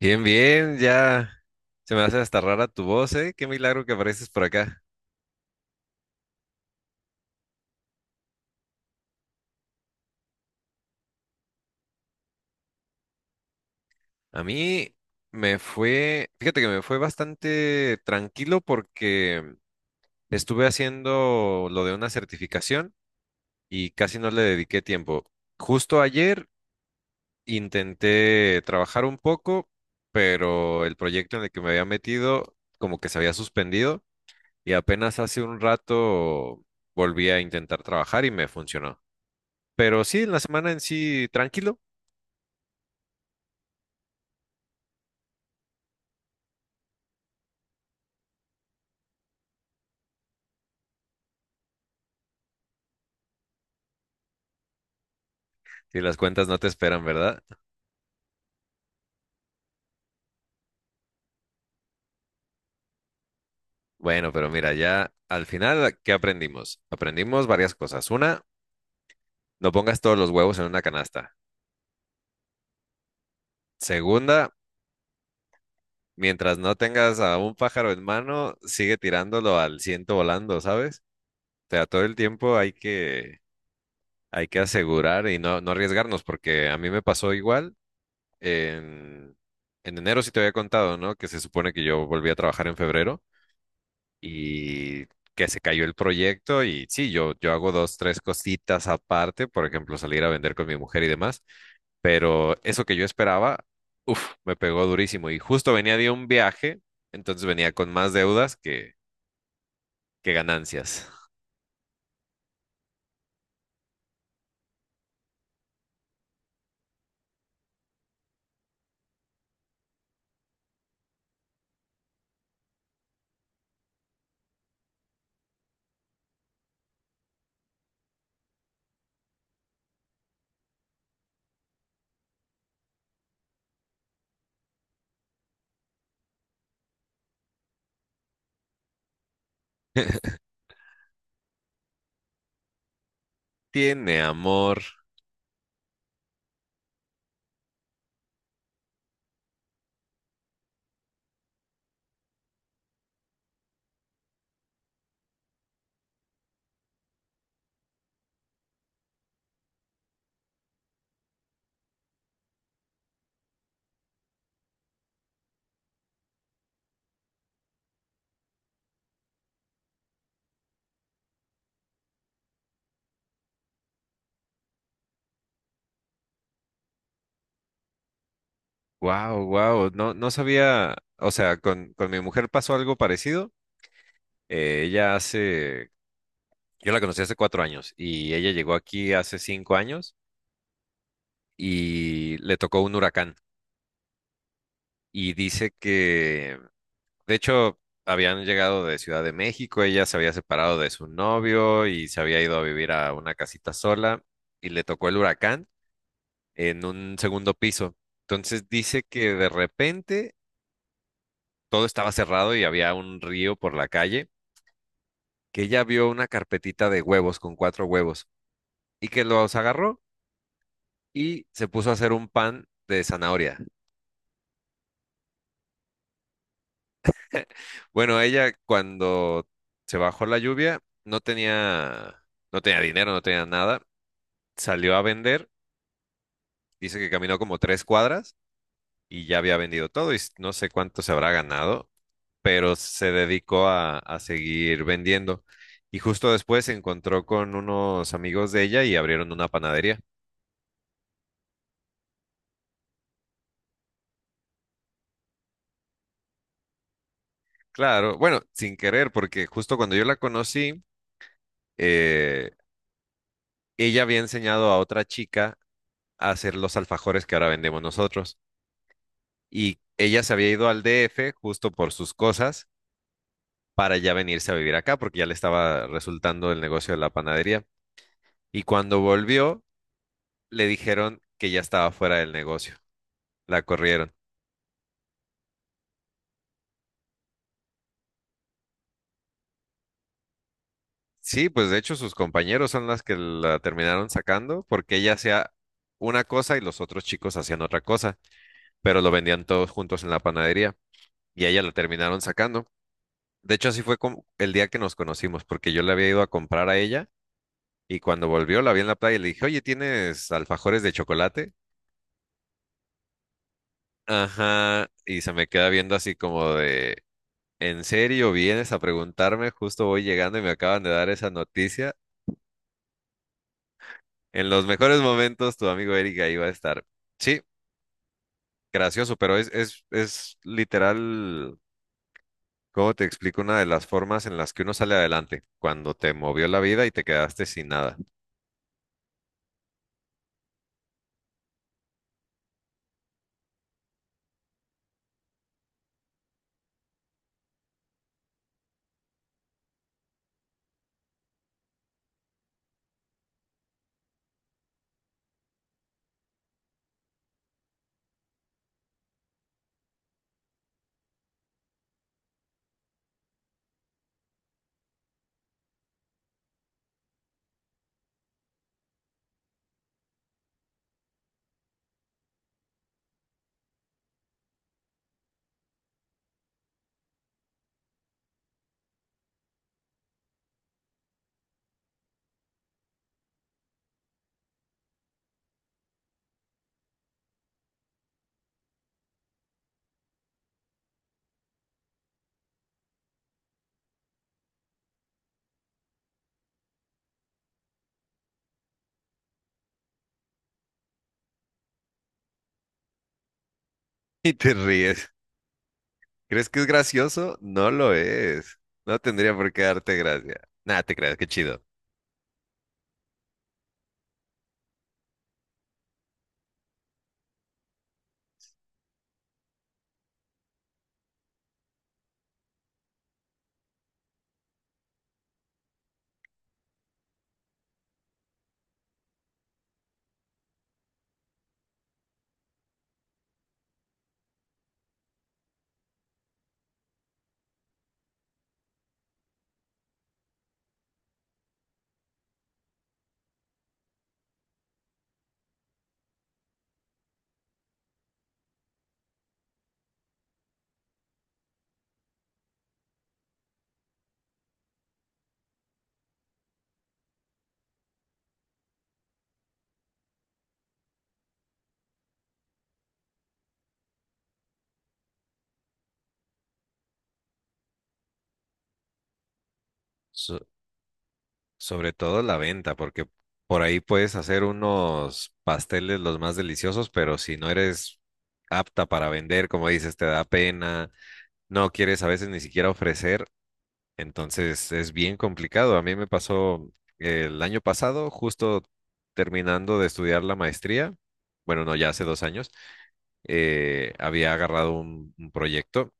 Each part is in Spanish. Bien, bien, ya se me hace hasta rara tu voz, ¿eh? Qué milagro que apareces por acá. A mí me fue, fíjate que me fue bastante tranquilo porque estuve haciendo lo de una certificación y casi no le dediqué tiempo. Justo ayer intenté trabajar un poco, pero el proyecto en el que me había metido como que se había suspendido y apenas hace un rato volví a intentar trabajar y me funcionó. Pero sí, en la semana en sí, tranquilo. Y las cuentas no te esperan, ¿verdad? Bueno, pero mira, ya al final, ¿qué aprendimos? Aprendimos varias cosas. Una, no pongas todos los huevos en una canasta. Segunda, mientras no tengas a un pájaro en mano, sigue tirándolo al ciento volando, ¿sabes? O sea, todo el tiempo hay que asegurar y no, no arriesgarnos, porque a mí me pasó igual. En, en enero sí te había contado, ¿no? Que se supone que yo volví a trabajar en febrero. Y que se cayó el proyecto y sí, yo hago dos, tres cositas aparte, por ejemplo, salir a vender con mi mujer y demás, pero eso que yo esperaba, uff, me pegó durísimo y justo venía de un viaje, entonces venía con más deudas que ganancias. Tiene amor. Wow, wow. No, no sabía. O sea, con mi mujer pasó algo parecido. Ella hace. Yo la conocí hace cuatro años y ella llegó aquí hace cinco años y le tocó un huracán. Y dice que, de hecho, habían llegado de Ciudad de México, ella se había separado de su novio y se había ido a vivir a una casita sola y le tocó el huracán en un segundo piso. Entonces dice que de repente todo estaba cerrado y había un río por la calle, que ella vio una carpetita de huevos con cuatro huevos y que los agarró y se puso a hacer un pan de zanahoria. Bueno, ella cuando se bajó la lluvia no tenía, no tenía dinero, no tenía nada. Salió a vender, dice que caminó como tres cuadras y ya había vendido todo y s- no sé cuánto se habrá ganado, pero se dedicó a seguir vendiendo. Y justo después se encontró con unos amigos de ella y abrieron una panadería. Claro, bueno, sin querer, porque justo cuando yo la conocí, eh, ella había enseñado a otra chica a hacer los alfajores que ahora vendemos nosotros. Y ella se había ido al DF justo por sus cosas para ya venirse a vivir acá porque ya le estaba resultando el negocio de la panadería. Y cuando volvió, le dijeron que ya estaba fuera del negocio. La corrieron. Sí, pues de hecho sus compañeros son las que la terminaron sacando porque ella hacía una cosa y los otros chicos hacían otra cosa, pero lo vendían todos juntos en la panadería y a ella la terminaron sacando. De hecho, así fue como el día que nos conocimos, porque yo le había ido a comprar a ella. Y cuando volvió, la vi en la playa y le dije, oye, ¿tienes alfajores de chocolate? Ajá. Y se me queda viendo así como de, ¿en serio vienes a preguntarme? Justo voy llegando y me acaban de dar esa noticia. En los mejores momentos, tu amigo Eric ahí va a estar. Sí, gracioso, pero es literal, ¿cómo te explico? Una de las formas en las que uno sale adelante, cuando te movió la vida y te quedaste sin nada. Y te ríes. ¿Crees que es gracioso? No lo es. No tendría por qué darte gracia. Nada, te creas, qué chido. So- Sobre todo la venta, porque por ahí puedes hacer unos pasteles los más deliciosos, pero si no eres apta para vender, como dices, te da pena, no quieres a veces ni siquiera ofrecer, entonces es bien complicado. A mí me pasó el año pasado, justo terminando de estudiar la maestría, bueno, no, ya hace dos años, había agarrado un proyecto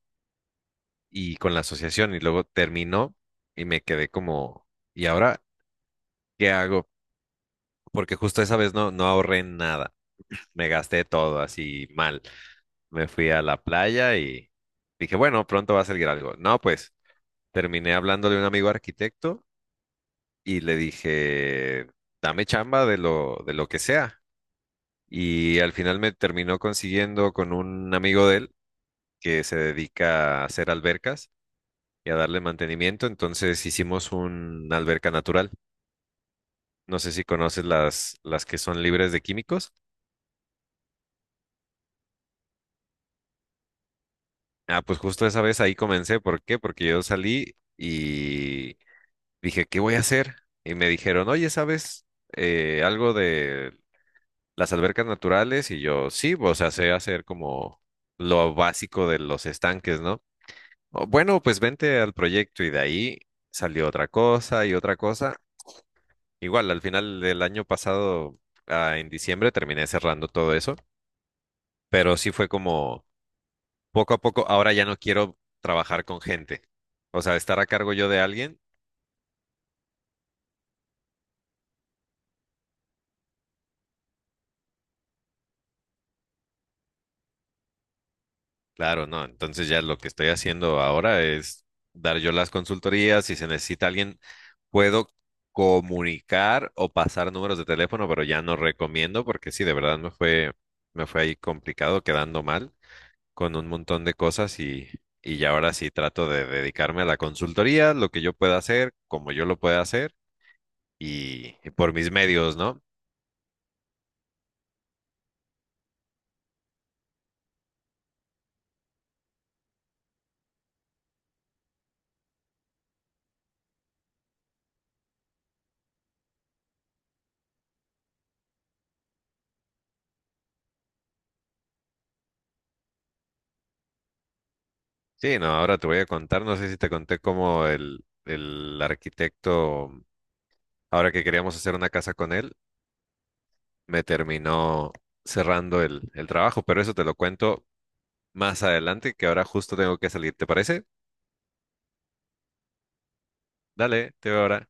y con la asociación y luego terminó y me quedé como, ¿y ahora qué hago? Porque justo esa vez no, no ahorré nada, me gasté todo así mal. Me fui a la playa y dije, bueno, pronto va a salir algo. No, pues terminé hablando de un amigo arquitecto y le dije, dame chamba de lo que sea. Y al final me terminó consiguiendo con un amigo de él que se dedica a hacer albercas y a darle mantenimiento. Entonces hicimos una alberca natural. No sé si conoces las que son libres de químicos. Ah, pues justo esa vez ahí comencé. ¿Por qué? Porque yo salí y dije, ¿qué voy a hacer? Y me dijeron, oye, ¿sabes algo de las albercas naturales? Y yo, sí, o sea, sé hacer como lo básico de los estanques, ¿no? Oh, bueno, pues vente al proyecto y de ahí salió otra cosa y otra cosa. Igual, al final del año pasado, ah, en diciembre, terminé cerrando todo eso, pero sí fue como... Poco a poco, ahora ya no quiero trabajar con gente. O sea, estar a cargo yo de alguien, claro, no. Entonces ya lo que estoy haciendo ahora es dar yo las consultorías. Si se necesita alguien, puedo comunicar o pasar números de teléfono, pero ya no recomiendo porque sí, de verdad me fue ahí complicado, quedando mal con un montón de cosas y ya ahora sí trato de dedicarme a la consultoría, lo que yo pueda hacer, como yo lo pueda hacer y por mis medios, ¿no? Sí, no, ahora te voy a contar, no sé si te conté cómo el arquitecto, ahora que queríamos hacer una casa con él, me terminó cerrando el trabajo, pero eso te lo cuento más adelante, que ahora justo tengo que salir, ¿te parece? Dale, te veo ahora.